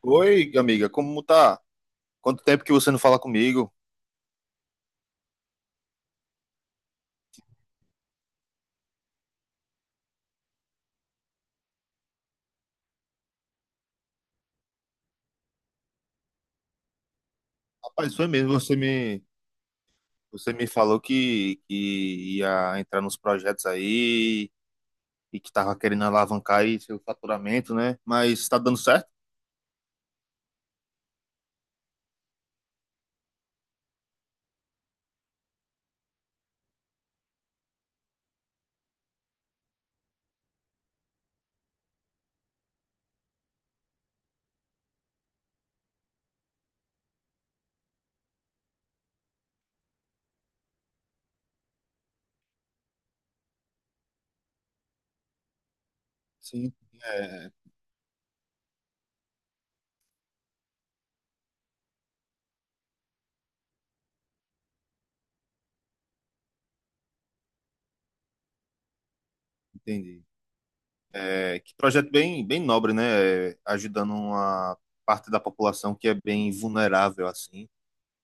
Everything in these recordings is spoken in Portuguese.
Oi, amiga, como tá? Quanto tempo que você não fala comigo? Rapaz, foi mesmo, você me falou que ia entrar nos projetos aí e que tava querendo alavancar aí seu faturamento, né? Mas tá dando certo? Sim, é, entendi. É, que projeto bem nobre, né? É, ajudando uma parte da população que é bem vulnerável, assim.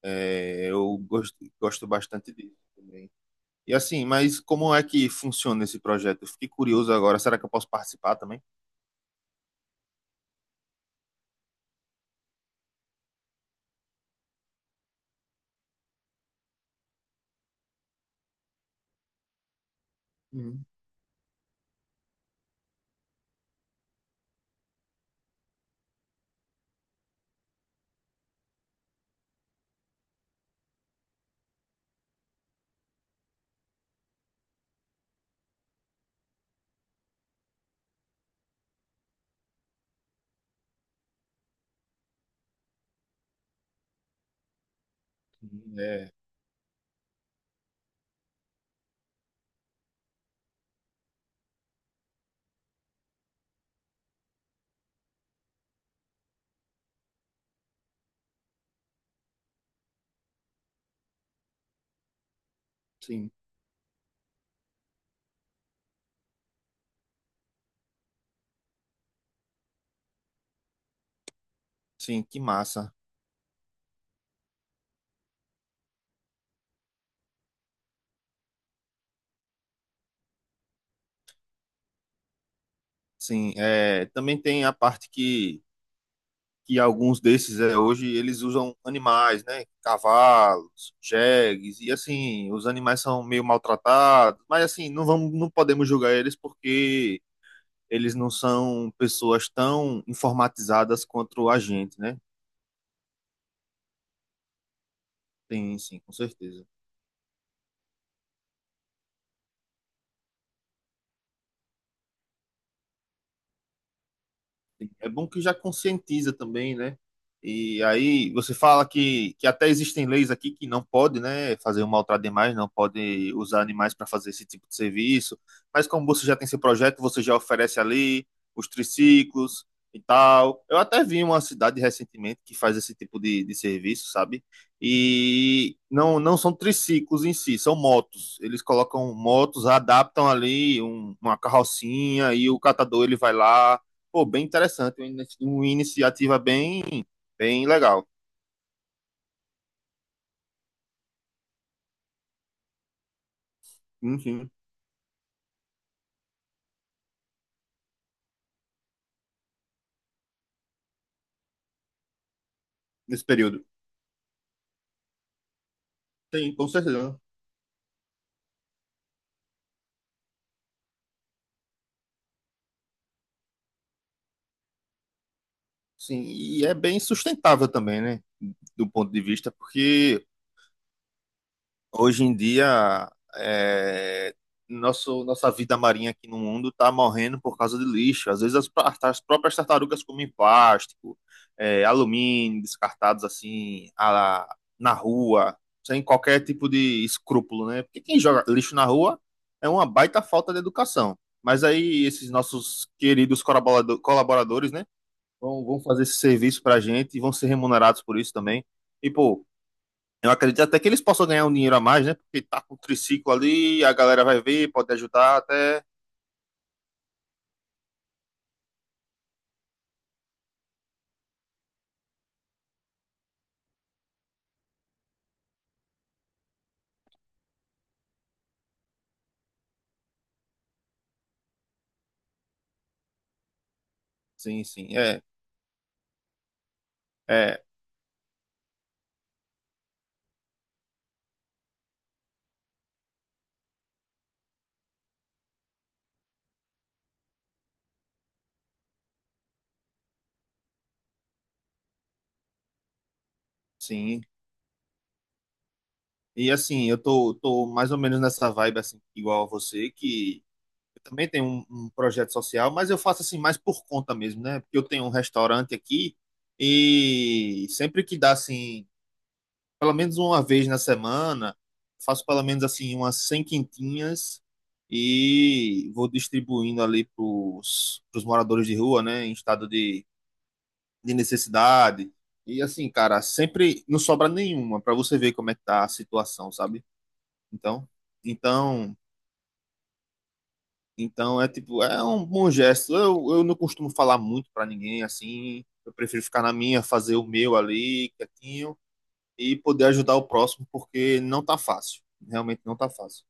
É, eu gosto bastante disso. E assim, mas como é que funciona esse projeto? Eu fiquei curioso agora. Será que eu posso participar também? Hum, é, sim. Sim, que massa. Sim, é, também tem a parte que alguns desses é, hoje eles usam animais, né? Cavalos, jegues, e assim, os animais são meio maltratados, mas assim, não podemos julgar eles porque eles não são pessoas tão informatizadas quanto a gente, né? Tem, sim, com certeza. Assim, é bom que já conscientiza também, né? E aí você fala que até existem leis aqui que não pode, né, fazer um maltrato de animais, não pode usar animais para fazer esse tipo de serviço. Mas como você já tem esse projeto, você já oferece ali os triciclos e tal. Eu até vi uma cidade recentemente que faz esse tipo de serviço, sabe? E não são triciclos em si, são motos. Eles colocam motos, adaptam ali uma carrocinha e o catador ele vai lá. Pô, bem interessante, uma iniciativa bem legal, enfim, nesse período. Sim, com certeza. Sim, e é bem sustentável também, né? Do ponto de vista, porque hoje em dia, é, nossa vida marinha aqui no mundo está morrendo por causa de lixo. Às vezes as próprias tartarugas comem plástico, é, alumínio, descartados na rua, sem qualquer tipo de escrúpulo, né? Porque quem joga lixo na rua é uma baita falta de educação. Mas aí esses nossos queridos colaboradores, né, vão fazer esse serviço pra gente e vão ser remunerados por isso também. E, pô, eu acredito até que eles possam ganhar um dinheiro a mais, né? Porque tá com o triciclo ali, a galera vai ver, pode ajudar até. Sim, sim, é, é, sim. E assim, tô mais ou menos nessa vibe, assim, igual a você, que eu também tenho um projeto social, mas eu faço assim mais por conta mesmo, né? Porque eu tenho um restaurante aqui e sempre que dá assim pelo menos uma vez na semana, faço pelo menos assim umas 100 quentinhas e vou distribuindo ali para os moradores de rua, né, em estado de necessidade. E assim, cara, sempre não sobra nenhuma para você ver como é que tá a situação, sabe? Então, então, então é tipo, é um bom gesto. Eu não costumo falar muito para ninguém assim, eu prefiro ficar na minha, fazer o meu ali, quietinho e poder ajudar o próximo, porque não tá fácil. Realmente não tá fácil.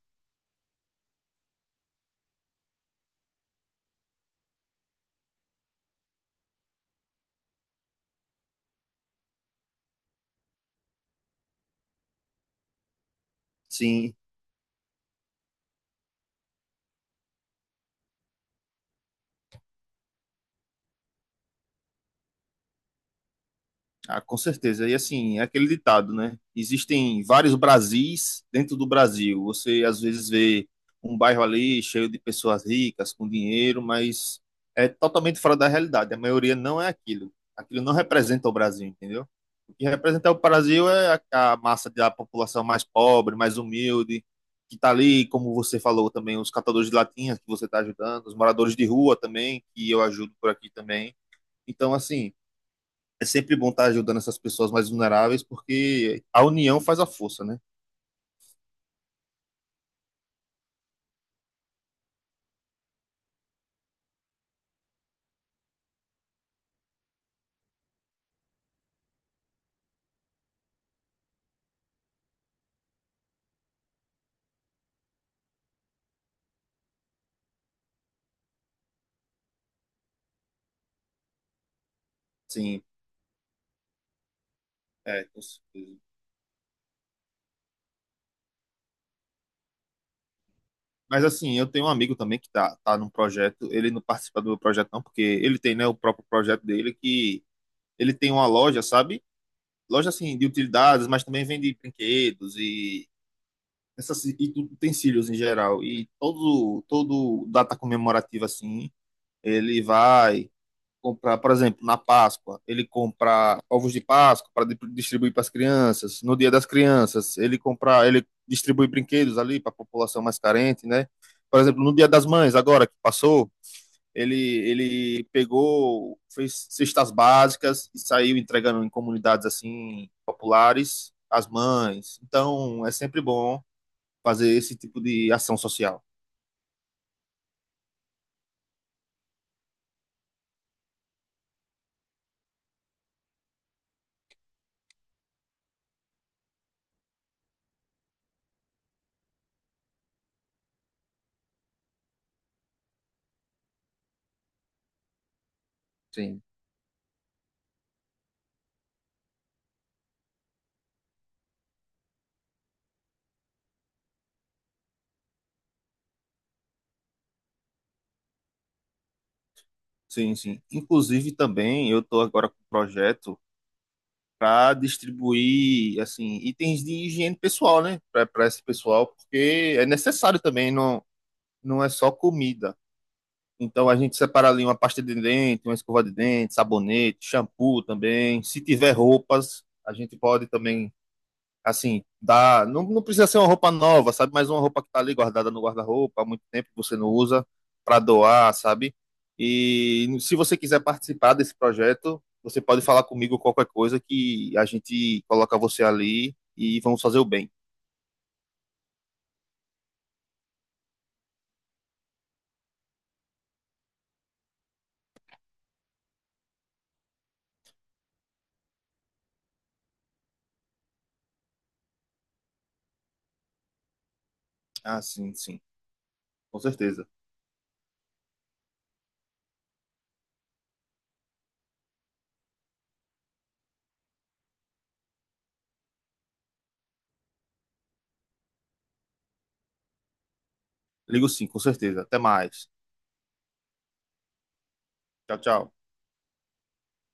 Sim, ah, com certeza. E assim, é aquele ditado, né? Existem vários Brasis dentro do Brasil. Você às vezes vê um bairro ali cheio de pessoas ricas, com dinheiro, mas é totalmente fora da realidade. A maioria não é aquilo. Aquilo não representa o Brasil, entendeu? E representar o Brasil é a massa da população mais pobre, mais humilde, que está ali, como você falou também, os catadores de latinhas que você está ajudando, os moradores de rua também, que eu ajudo por aqui também. Então, assim, é sempre bom estar ajudando essas pessoas mais vulneráveis, porque a união faz a força, né? Sim, é, com certeza. Mas assim, eu tenho um amigo também que tá num projeto, ele não participa do meu projeto não, porque ele tem, né, o próprio projeto dele, que ele tem uma loja, sabe? Loja assim de utilidades, mas também vende brinquedos e essas e utensílios em geral. E todo data comemorativa assim, ele vai comprar, por exemplo, na Páscoa, ele compra ovos de Páscoa para distribuir para as crianças. No Dia das Crianças, ele compra, ele distribui brinquedos ali para a população mais carente, né? Por exemplo, no Dia das Mães agora que passou, ele, ele pegou, fez cestas básicas e saiu entregando em comunidades assim populares as mães. Então, é sempre bom fazer esse tipo de ação social. Sim. Sim, sim. Inclusive também eu estou agora com um projeto para distribuir assim itens de higiene pessoal, né, para esse pessoal, porque é necessário também, não é só comida. Então a gente separa ali uma pasta de dente, uma escova de dente, sabonete, shampoo também. Se tiver roupas, a gente pode também, assim, dar. Não precisa ser uma roupa nova, sabe? Mas uma roupa que está ali guardada no guarda-roupa há muito tempo que você não usa, para doar, sabe? E se você quiser participar desse projeto, você pode falar comigo qualquer coisa que a gente coloca você ali e vamos fazer o bem. Ah, sim, sim, com certeza. Ligo sim, com certeza. Até mais. Tchau, tchau.